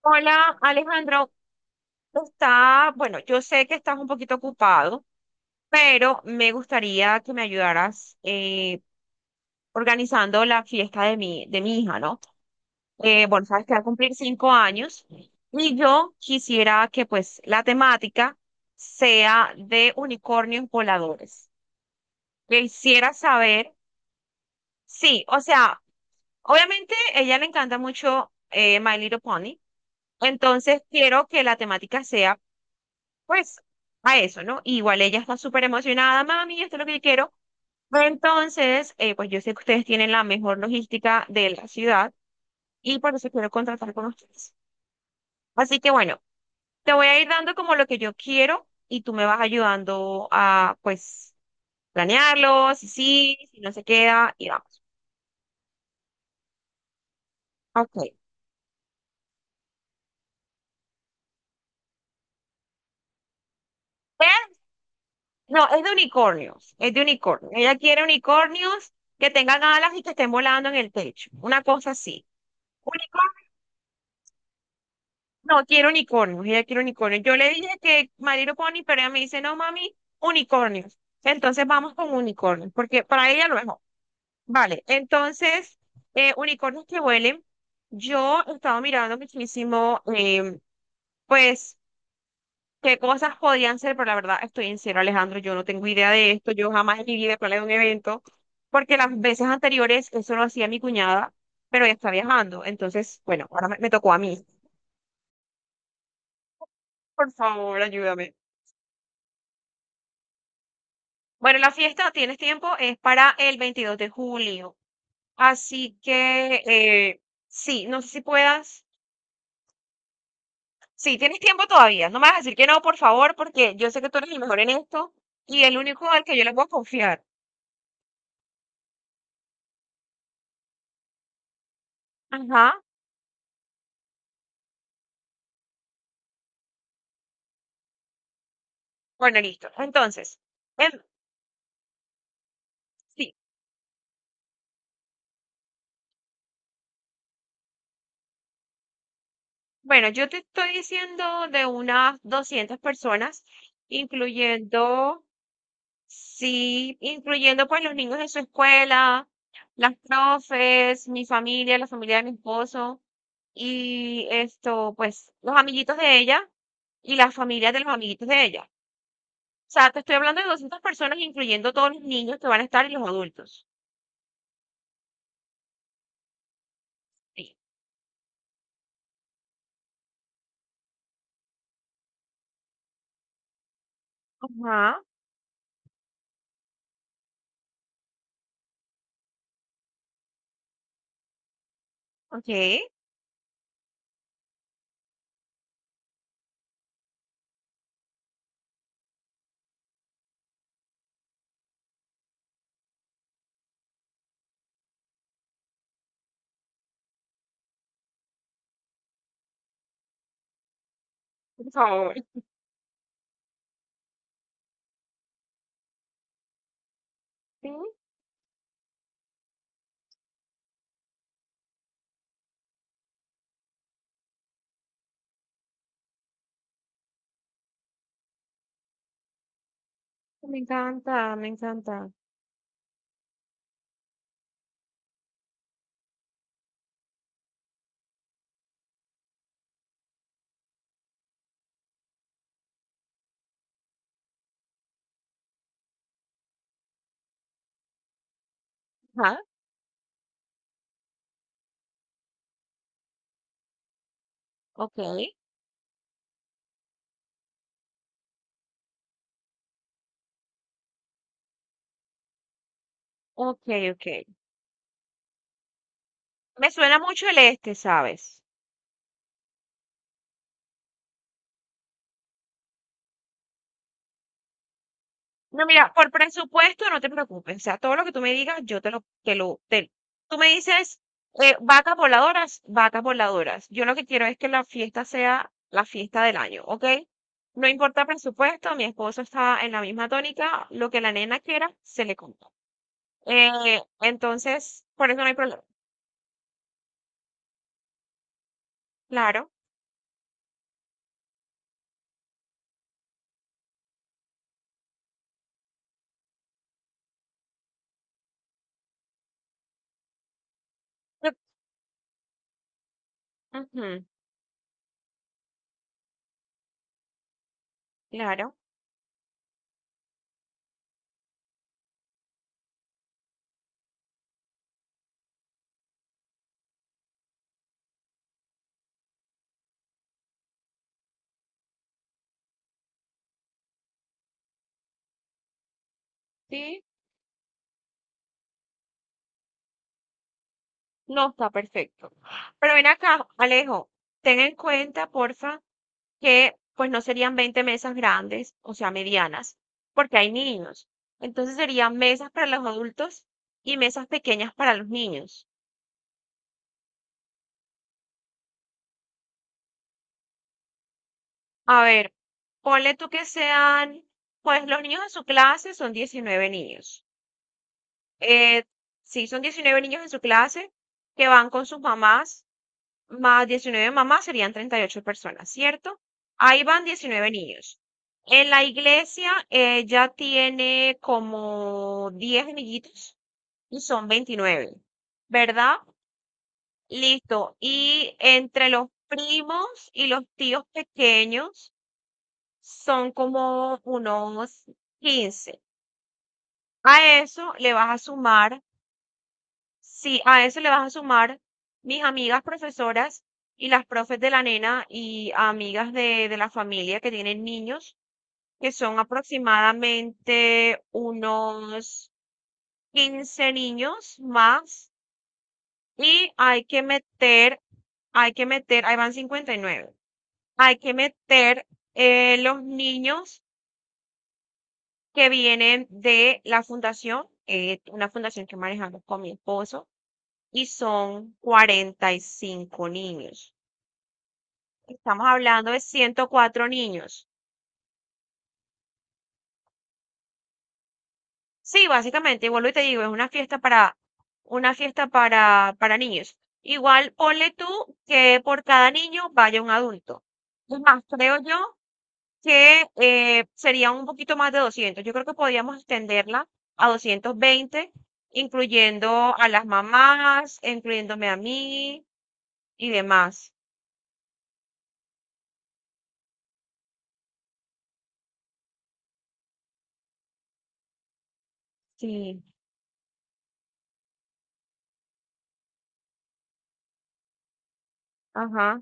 Hola, Alejandro. Está, bueno, yo sé que estás un poquito ocupado, pero me gustaría que me ayudaras organizando la fiesta de de mi hija, ¿no? Bueno, sabes que va a cumplir 5 años y yo quisiera que pues la temática sea de unicornios voladores. Quisiera saber. Sí, o sea, obviamente ella le encanta mucho My Little Pony, entonces quiero que la temática sea, pues, a eso, ¿no? Igual ella está súper emocionada, mami, esto es lo que yo quiero. Entonces, pues yo sé que ustedes tienen la mejor logística de la ciudad y por eso quiero contratar con ustedes. Así que bueno, te voy a ir dando como lo que yo quiero y tú me vas ayudando a, pues, planearlo, si sí, si no se queda y vamos. Ok. ¿Qué? No, es de unicornios, es de unicornios. Ella quiere unicornios que tengan alas y que estén volando en el techo, una cosa así. Unicornio, no, quiero unicornios, ella quiere unicornios. Yo le dije que My Little Pony, pero ella me dice, no, mami, unicornios. Entonces vamos con unicornios, porque para ella lo mejor. Vale, entonces, unicornios que huelen. Yo he estado mirando muchísimo, pues qué cosas podían ser, pero la verdad estoy en cero, Alejandro, yo no tengo idea de esto, yo jamás en mi vida he planeado un evento, porque las veces anteriores eso lo hacía mi cuñada, pero ella está viajando, entonces, bueno, ahora me tocó a mí. Por favor, ayúdame. Bueno, la fiesta, tienes tiempo, es para el 22 de julio, así que, sí, no sé si puedas, sí, tienes tiempo todavía, no me vas a decir que no, por favor, porque yo sé que tú eres el mejor en esto y el único al que yo le puedo confiar. Ajá, bueno, listo. Entonces... Em, Sí, bueno, yo te estoy diciendo de unas 200 personas, incluyendo, sí, incluyendo pues los niños de su escuela, las profes, mi familia, la familia de mi esposo y esto, pues los amiguitos de ella y las familias de los amiguitos de ella. O sea, te estoy hablando de 200 personas, incluyendo todos los niños que van a estar y los adultos. Sí. Ajá, ok, por favor. Sí, me encanta, me encanta. Ajá, ok. Ok, ok. Me suena mucho el este, ¿sabes? No, mira, por presupuesto no te preocupes. O sea, todo lo que tú me digas, yo te lo, te lo, te- tú me dices, vacas voladoras, vacas voladoras. Yo lo que quiero es que la fiesta sea la fiesta del año, ¿ok? No importa presupuesto, mi esposo está en la misma tónica, lo que la nena quiera, se le compra. Entonces, por eso no hay problema. Claro. Yo- Ujú, claro. Sí. No, está perfecto. Pero ven acá, Alejo, ten en cuenta, porfa, que pues no serían 20 mesas grandes, o sea, medianas, porque hay niños. Entonces serían mesas para los adultos y mesas pequeñas para los niños. A ver, ponle tú que sean, pues los niños en su clase son 19 niños. Eh, sí, son 19 niños en su clase que van con sus mamás más 19 mamás serían 38 personas, ¿cierto? Ahí van 19 niños. En la iglesia ella tiene como 10 amiguitos y son 29, ¿verdad? Listo. Y entre los primos y los tíos pequeños son como unos 15. A eso le vas a sumar Sí, a eso le vas a sumar mis amigas profesoras y las profes de la nena y amigas de la familia que tienen niños, que son aproximadamente unos 15 niños más, y ahí van 59, hay que meter los niños que vienen de la fundación, una fundación que manejamos con mi esposo, y son 45 niños. Estamos hablando de 104 niños. Sí, básicamente, y vuelvo y te digo, es una fiesta para niños. Igual ponle tú que por cada niño vaya un adulto. Es más, creo yo que sería un poquito más de 200. Yo creo que podríamos extenderla a 220 incluyendo a las mamás, incluyéndome a mí y demás. Sí, ajá,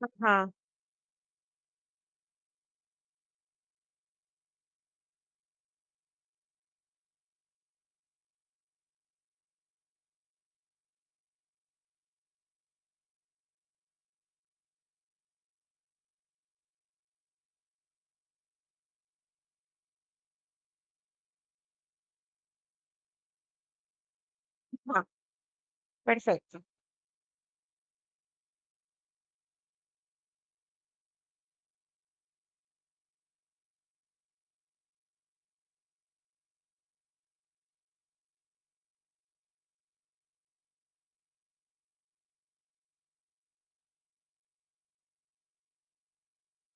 ajá, ajá. Perfecto.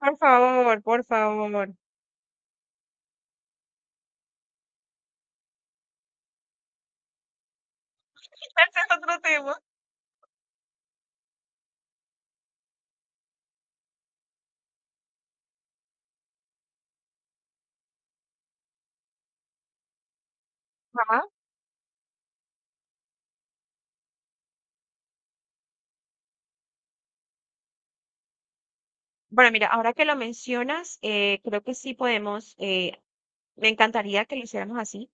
Por favor, por favor. Ese es otro tema. Ajá. Bueno, mira, ahora que lo mencionas, creo que sí podemos, me encantaría que lo hiciéramos así.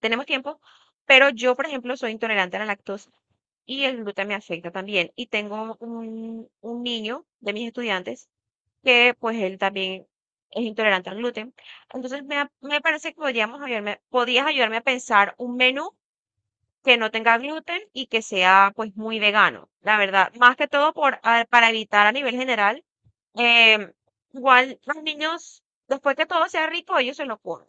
Tenemos tiempo, pero yo, por ejemplo, soy intolerante a la lactosa y el gluten me afecta también. Y tengo un niño de mis estudiantes que pues él también es intolerante al gluten. Entonces me parece que podías ayudarme a pensar un menú que no tenga gluten y que sea pues muy vegano, la verdad. Más que todo por, para evitar a nivel general. Em, Igual los niños, después que todo sea rico, ellos se lo comen.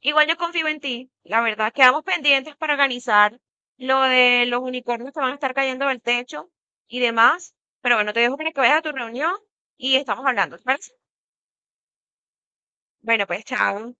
Igual yo confío en ti, la verdad. Quedamos pendientes para organizar lo de los unicornios que van a estar cayendo del techo y demás. Pero bueno, te dejo para que vayas a tu reunión y estamos hablando, ¿te parece? Bueno, pues chao.